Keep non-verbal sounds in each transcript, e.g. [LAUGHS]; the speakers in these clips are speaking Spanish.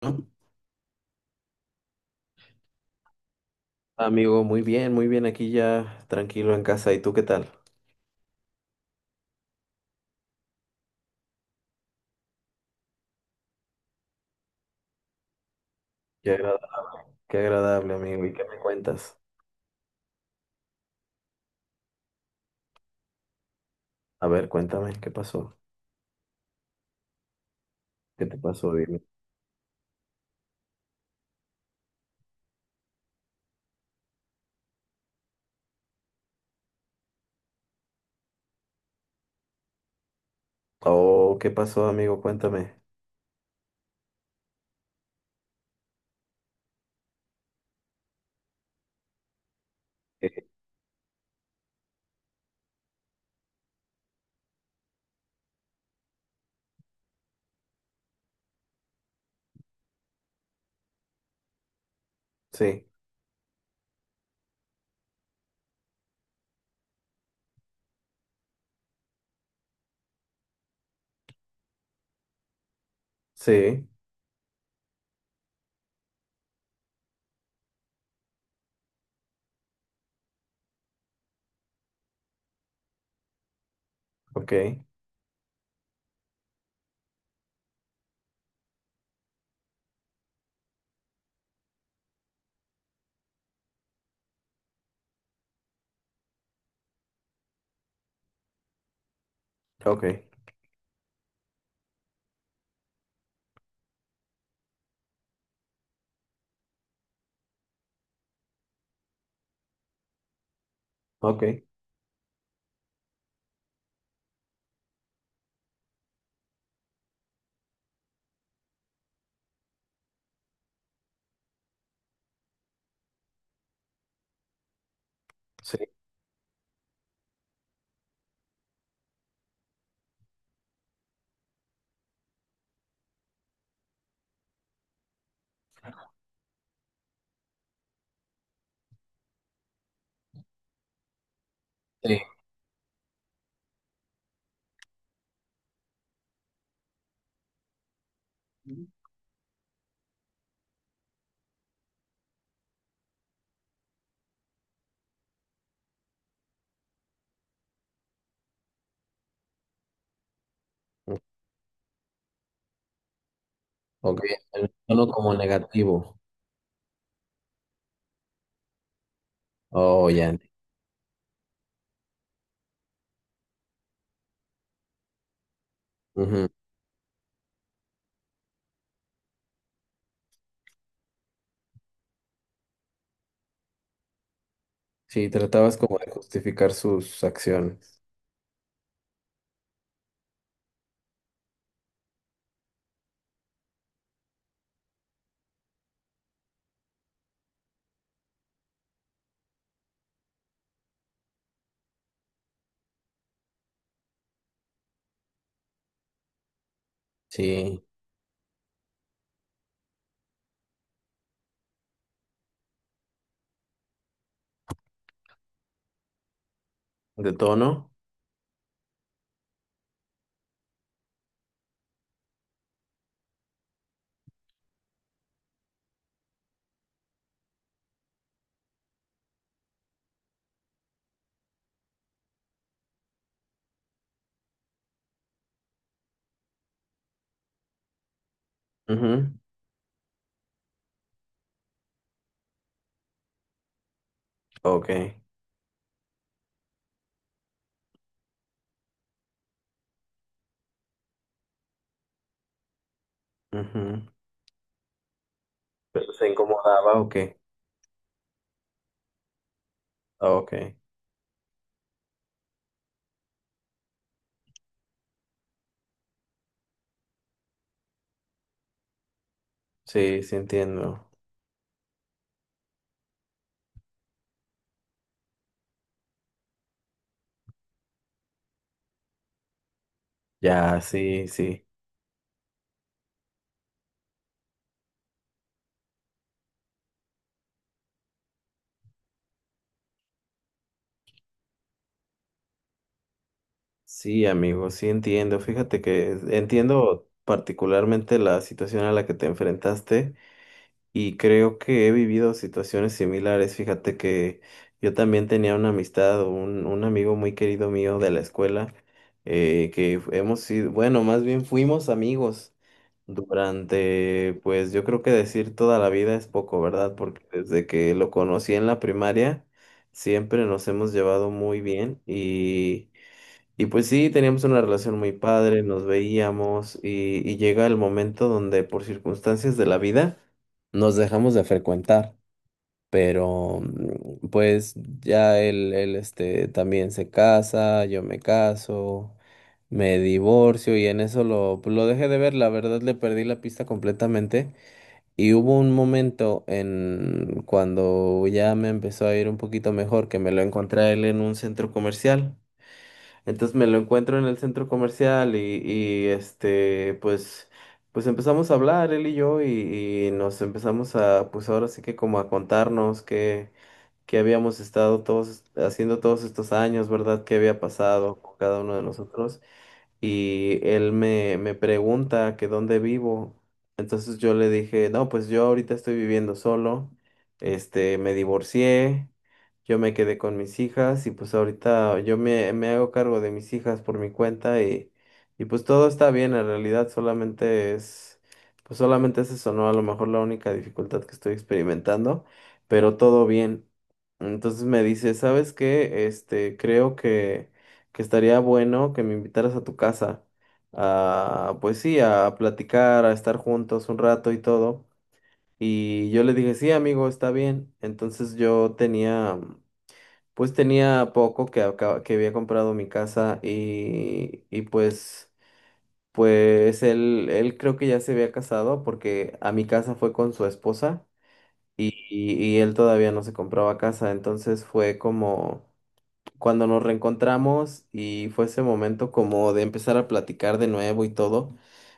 ¿No? Amigo, muy bien aquí ya, tranquilo en casa. ¿Y tú qué tal? Qué agrada- Qué agradable, amigo. ¿Y qué me cuentas? A ver, cuéntame, ¿qué pasó? ¿Qué te pasó? Dime. Oh, ¿qué pasó, amigo? Cuéntame. Eh, Sí, sí, ok, ok, ok, sí. Sí. Ok, el tono como negativo. Oh, ya. Ujú. Sí, tratabas como de justificar sus acciones. Sí. ¿De tono? Ujú. Ok. Ujú. ¿Pero se incomodaba o qué? Ah, ok, sí, sí entiendo. Ya, sí, sí. Sí, amigo, sí entiendo. Fíjate que entiendo particularmente la situación a la que te enfrentaste. Y creo que he vivido situaciones similares. Fíjate que yo también tenía una amistad, un amigo muy querido mío de la escuela, que hemos sido, bueno, más bien fuimos amigos durante, pues yo creo que decir toda la vida es poco, ¿verdad? Porque desde que lo conocí en la primaria, siempre nos hemos llevado muy bien. Y... Y pues sí, teníamos una relación muy padre, nos veíamos, y llega el momento donde por circunstancias de la vida nos dejamos de frecuentar, pero pues ya él, también se casa, yo me caso, me divorcio y en eso lo, pues, lo dejé de ver, la verdad le perdí la pista completamente y hubo un momento en cuando ya me empezó a ir un poquito mejor que me lo encontré a él en un centro comercial. Entonces me lo encuentro en el centro comercial pues, pues empezamos a hablar él y yo y nos empezamos a, pues ahora sí que como a contarnos qué habíamos estado todos haciendo todos estos años, ¿verdad? ¿Qué había pasado con cada uno de nosotros? Y él me pregunta que dónde vivo. Entonces yo le dije, no, pues yo ahorita estoy viviendo solo, este, me divorcié, yo me quedé con mis hijas y pues ahorita me hago cargo de mis hijas por mi cuenta, y pues todo está bien, en realidad solamente es, pues solamente es eso, ¿no? A lo mejor la única dificultad que estoy experimentando, pero todo bien. Entonces me dice, ¿sabes qué? Este, creo que estaría bueno que me invitaras a tu casa a, pues sí, a platicar, a estar juntos un rato y todo. Y yo le dije, sí, amigo, está bien. Entonces yo tenía, pues tenía poco que, que había comprado mi casa, y pues, pues él creo que ya se había casado porque a mi casa fue con su esposa, y él todavía no se compraba casa. Entonces fue como cuando nos reencontramos y fue ese momento como de empezar a platicar de nuevo y todo,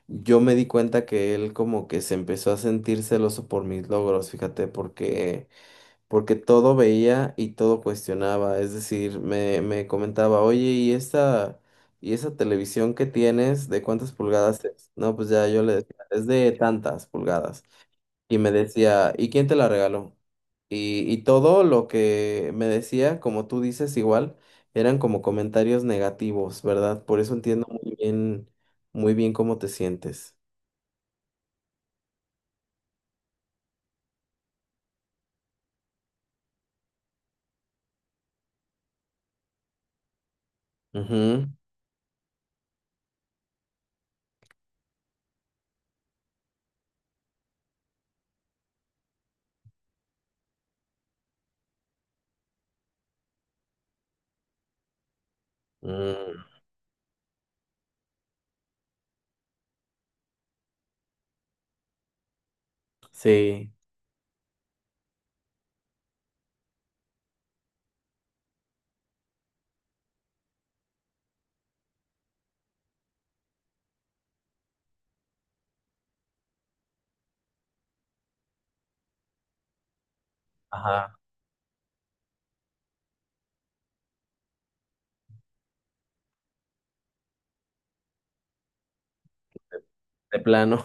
yo me di cuenta que él como que se empezó a sentir celoso por mis logros, fíjate, porque porque todo veía y todo cuestionaba, es decir, me comentaba, "Oye, y esa televisión que tienes, de cuántas pulgadas es?". No, pues ya yo le decía, "Es de tantas pulgadas". Y me decía, "¿Y quién te la regaló?". Y todo lo que me decía, como tú dices, igual, eran como comentarios negativos, ¿verdad? Por eso entiendo muy bien cómo te sientes. Ujú. Mm, sí, ajá, de, de plano,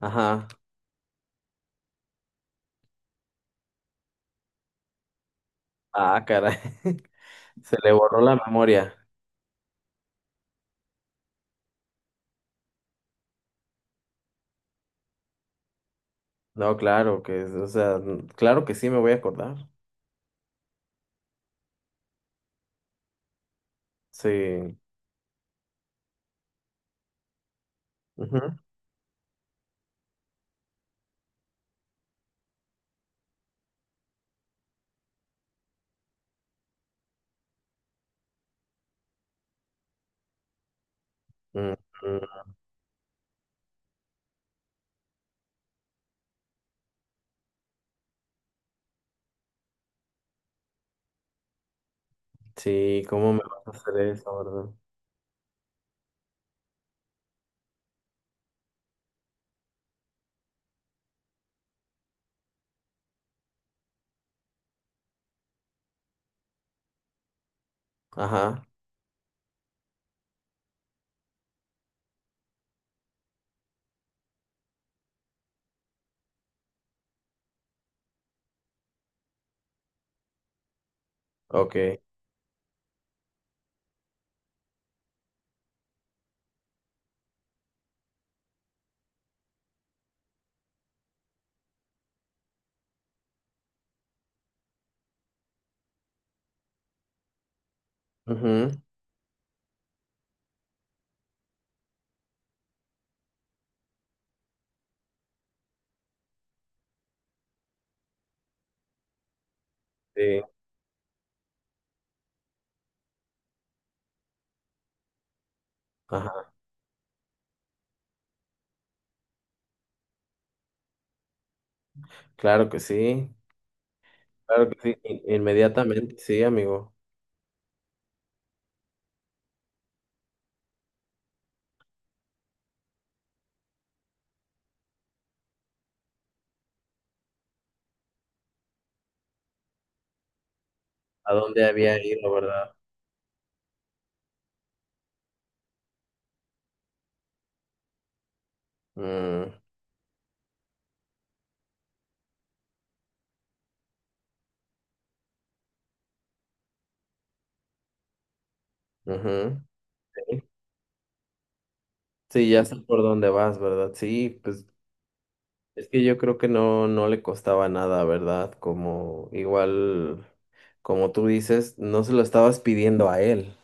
[LAUGHS] ajá, ah, caray, [LAUGHS] se le borró la memoria. No, claro que, o sea, mm, claro que sí me voy a acordar. Sí, ujú, mm, mm, sí, ¿cómo me vas a hacer eso, verdad? Ajá, ok. Ujú. Sí, ajá, claro que sí, claro que sí, inmediatamente, sí, amigo. ¿A dónde había ido, verdad? Mm, ujú. Sí, sí, ya sé por dónde vas, ¿verdad? Sí, pues es que yo creo que no le costaba nada, ¿verdad? Como igual, como tú dices, no se lo estabas pidiendo a él.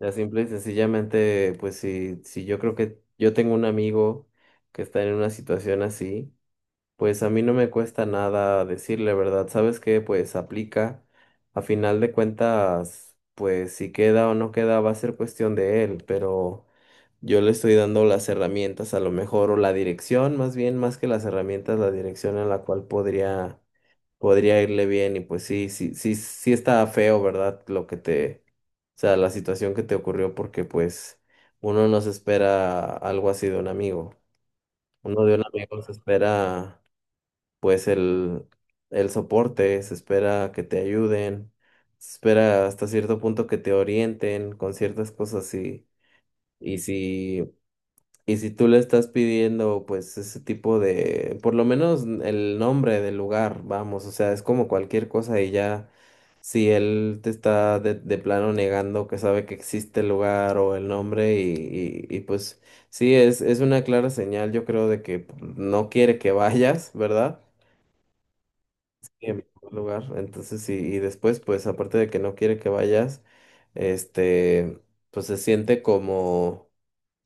Ya simple y sencillamente, pues sí, sí, yo creo que yo tengo un amigo que está en una situación así. Pues a mí no me cuesta nada decirle, ¿verdad? ¿Sabes qué? Pues aplica. A final de cuentas, pues si queda o no queda va a ser cuestión de él, pero yo le estoy dando las herramientas a lo mejor o la dirección, más bien, más que las herramientas, la dirección en la cual podría podría irle bien. Y pues sí, sí, sí, sí está feo, ¿verdad? Lo que te, o sea, la situación que te ocurrió, porque pues uno no se espera algo así de un amigo. Uno de un amigo se espera pues el soporte, se espera que te ayuden, se espera hasta cierto punto que te orienten con ciertas cosas. Y si, y si tú le estás pidiendo pues ese tipo de, por lo menos el nombre del lugar, vamos, o sea, es como cualquier cosa y ya. Si él te está de plano negando que sabe que existe el lugar o el nombre y pues sí, es una clara señal yo creo de que pues, no quiere que vayas, [LAUGHS] ¿verdad? Y en primer lugar. Entonces, y después, pues aparte de que no quiere que vayas, este, pues se siente como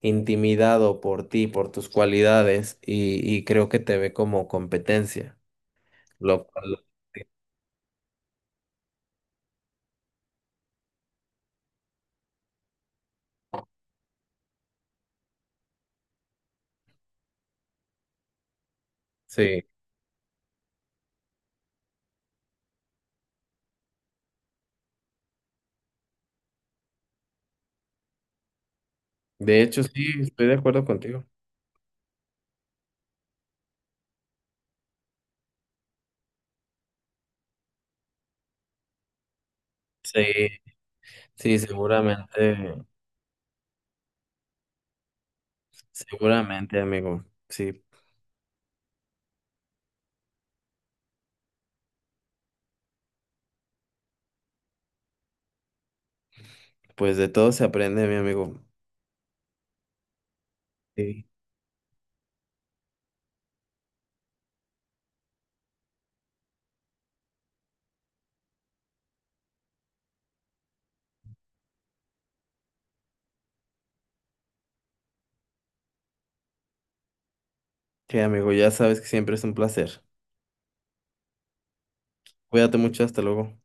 intimidado por ti, por tus cualidades, y creo que te ve como competencia. Lo cual, sí. De hecho, sí, estoy de acuerdo contigo. Sí, sí, seguramente, seguramente, amigo. Sí, pues de todo se aprende, mi amigo. Sí. Sí, amigo, ya sabes que siempre es un placer. Cuídate mucho, hasta luego.